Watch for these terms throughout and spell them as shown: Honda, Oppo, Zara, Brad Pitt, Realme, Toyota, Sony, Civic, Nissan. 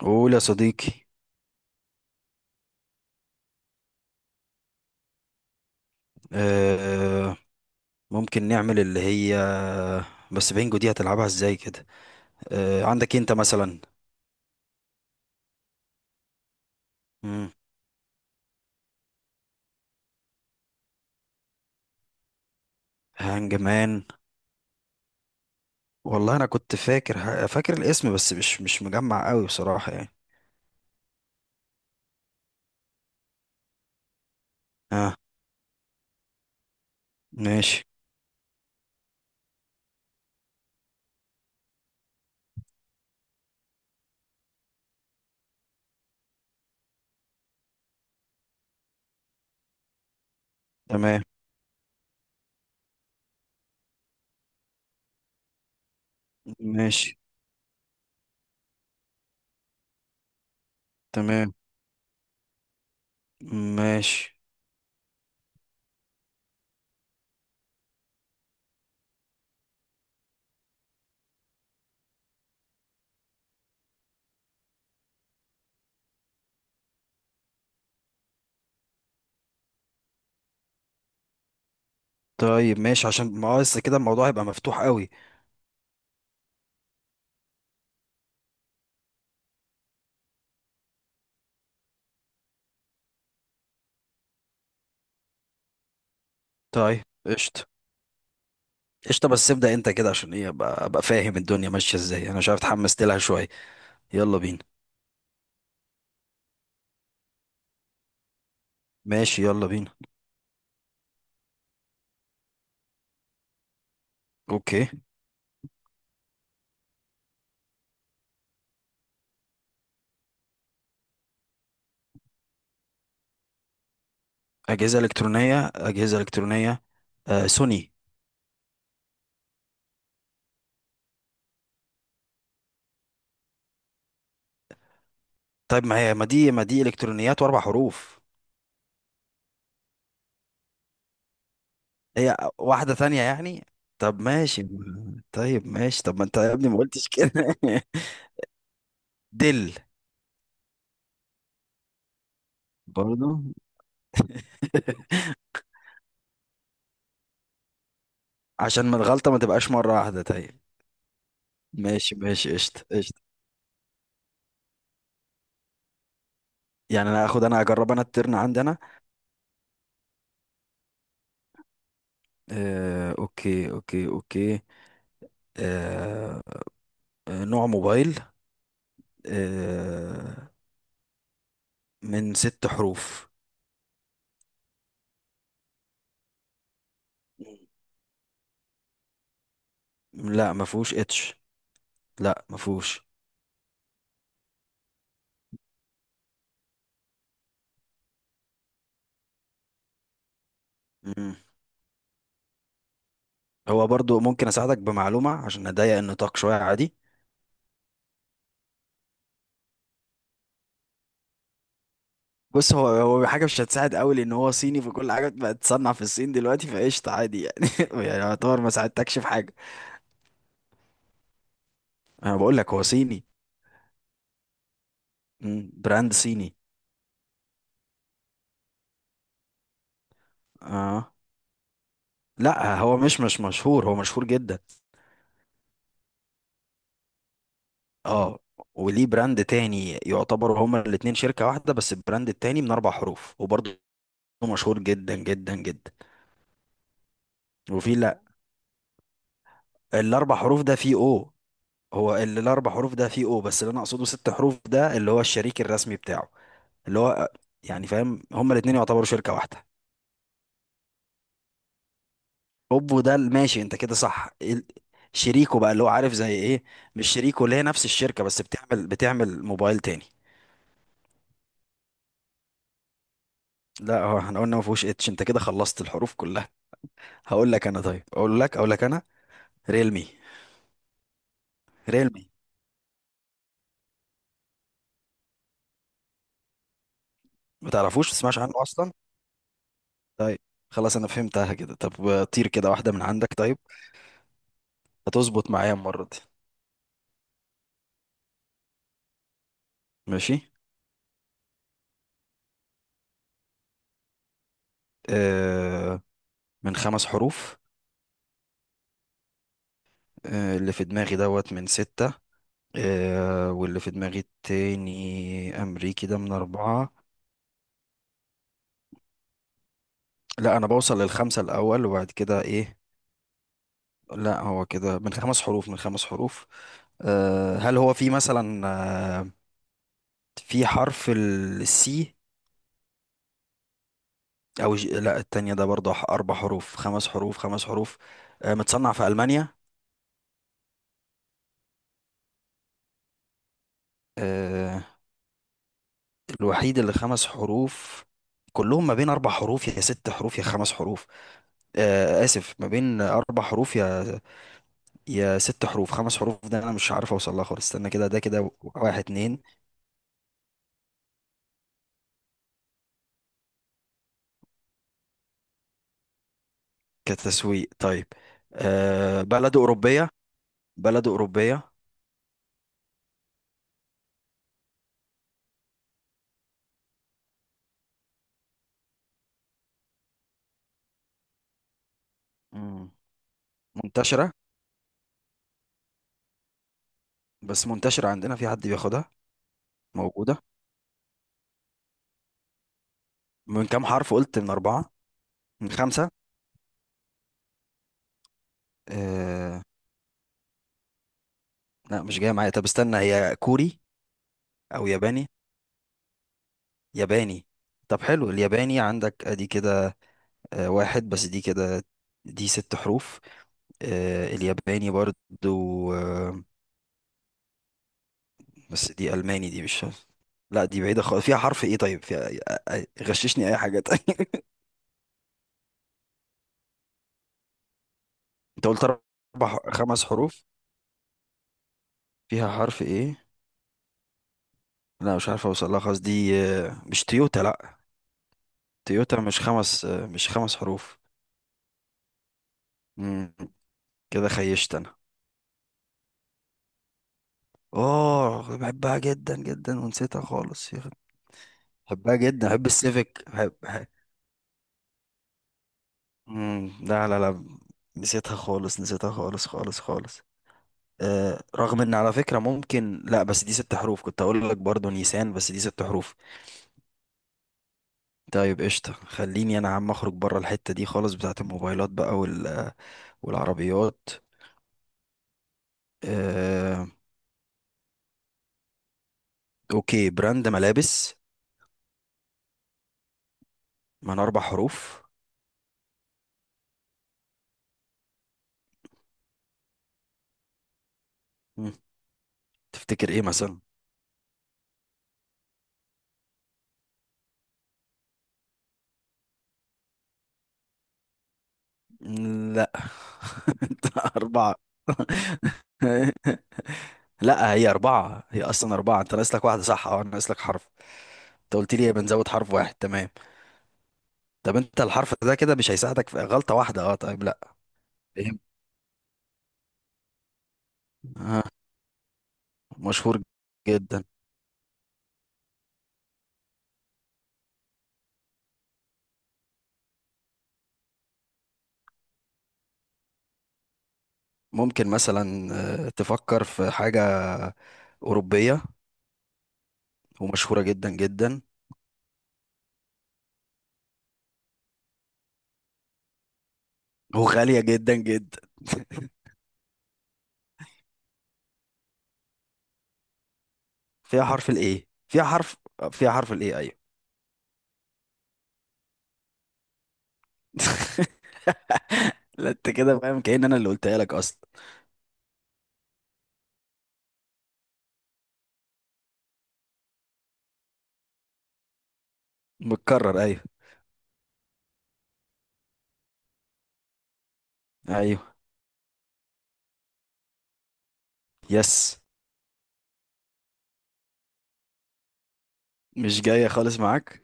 قول يا صديقي. آه ممكن نعمل اللي هي، بس بينجو دي هتلعبها ازاي كده؟ آه، عندك انت مثلا. مم. هانج مان. والله انا كنت فاكر فاكر الاسم، بس مش مجمع قوي بصراحة يعني. اه، ماشي. تمام. ماشي. تمام. ماشي. طيب، ماشي عشان ما هو لسه كده الموضوع هيبقى مفتوح قوي. طيب قشطة. قشطة، بس ابدأ انت كده عشان ايه ابقى فاهم الدنيا ماشية ازاي، انا مش عارف، اتحمست لها شوية. يلا بينا. ماشي يلا بينا. اوكي. اجهزه الكترونيه اجهزه الكترونيه. سوني. طيب ما هي، ما دي الكترونيات واربع حروف؟ هي واحده ثانيه يعني؟ طب ماشي. طيب ماشي، طب ما انت يا ابني ما قلتش كده. دل. برضو. عشان ما الغلطه ما تبقاش مره واحده. طيب. ماشي ماشي قشطه قشطه. يعني انا اخد انا اجرب انا الترن عندي انا. آه اوكي اوكي اوكي. آه نوع موبايل، آه من ست حروف. لا ما فيهوش اتش. لا مفهوش. مم. هو برضو ممكن اساعدك بمعلومه عشان اضيق النطاق شويه، عادي؟ بص، هو حاجه مش هتساعد قوي لان هو صيني، فكل حاجه بقت تصنع في الصين دلوقتي، فقشطه عادي يعني. يعني يعتبر ما ساعدتكش في حاجه. انا بقول لك هو صيني. براند صيني. اه. لا هو مش مشهور، هو مشهور جدا. اه. وليه براند تاني، يعتبروا هما الاتنين شركه واحده، بس البراند التاني من اربع حروف، وبرضه مشهور جدا جدا جدا. وفي لا. الاربع حروف ده فيه او. هو اللي الاربع حروف ده فيه او، بس اللي انا اقصده ست حروف ده اللي هو الشريك الرسمي بتاعه. اللي هو، يعني فاهم، هما الاتنين يعتبروا شركة واحدة. اوبو ده ماشي، انت كده صح. شريكه بقى اللي هو، عارف زي ايه، مش شريكه، اللي هي نفس الشركة بس بتعمل موبايل تاني. لا هو احنا قلنا ما فيهوش اتش، انت كده خلصت الحروف كلها. هقول لك انا، طيب اقول لك انا. ريلمي. ريلمي. ما تعرفوش، ما تسمعش عنه اصلا؟ طيب. خلاص انا فهمتها كده، طب طير كده واحدة من عندك، طيب. هتظبط معايا المرة دي. ماشي. آه، من خمس حروف. اللي في دماغي دوت من ستة، واللي في دماغي التاني أمريكي ده من أربعة. لا أنا بوصل للخمسة الأول وبعد كده إيه. لا هو كده من خمس حروف من خمس حروف. هل هو في مثلا، آه، في حرف السي؟ أو لا، التانية ده برضه أربع حروف، خمس حروف، خمس حروف. متصنع في ألمانيا. آه، الوحيد اللي خمس حروف، كلهم ما بين أربع حروف يا ست حروف يا خمس حروف. آسف، ما بين أربع حروف يا ست حروف، خمس حروف ده أنا مش عارف أوصل لها خالص. استنى كده، ده كده واحد اتنين. كتسويق طيب. بلد أوروبية، بلد أوروبية. مم. منتشرة. بس منتشرة عندنا، في حد بياخدها؟ موجودة. من كام حرف قلت، من أربعة؟ من خمسة. آه. لا مش جاية معايا، طب استنى، هي كوري أو ياباني؟ ياباني. طب حلو، الياباني عندك أدي كده. واحد بس دي كده، دي ست حروف. الياباني برضو، بس دي ألماني، دي مش. لا دي بعيدة خالص، فيها حرف ايه؟ طيب، فيها غششني اي حاجة تانية. انت قلت اربع خمس حروف. فيها حرف ايه؟ لا مش عارف اوصل لها خالص، دي مش تويوتا، لا تويوتا مش خمس، مش خمس حروف. مم، كده خيشت انا. اه بحبها جدا جدا ونسيتها خالص يا أخي. بحبها جدا، بحب السيفيك، مم، لا لا لا. نسيتها خالص، نسيتها خالص خالص خالص. رغم ان على فكرة ممكن، لا بس دي ست حروف، كنت اقول لك برضو نيسان، بس دي ست حروف. طيب قشطة، خليني انا عم اخرج بره الحتة دي خالص بتاعت الموبايلات بقى والعربيات. آه... اوكي، براند ملابس، من اربع حروف. مم، تفتكر ايه مثلا؟ مم، لا. انت اربعة. لا هي اربعة، هي اصلا اربعة، انت ناقص لك واحدة، صح، اه ناقص لك حرف. انت قلت لي بنزود حرف واحد، تمام. طب انت الحرف ده كده مش هيساعدك في غلطة واحدة، اه طيب لا. فيلم مشهور جدا. ممكن مثلا، تفكر في حاجة أوروبية ومشهورة جدا جدا وغالية جدا جدا. فيها حرف الايه، فيها حرف. فيها حرف الايه، ايوه. لا انت كده فاهم، كأن انا اللي قلتها لك اصلا. متكرر، ايوه. ايوه. يس. مش جاية خالص معاك.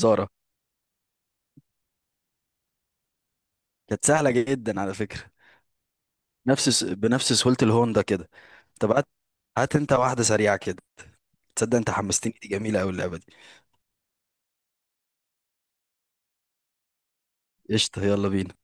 زارا. كانت سهلة جدا على فكرة. بنفس سهولة الهوندا كده. طب هات انت واحدة سريعة كده. تصدق، انت حمستني، دي جميلة قوي اللعبة دي. قشطة يلا بينا.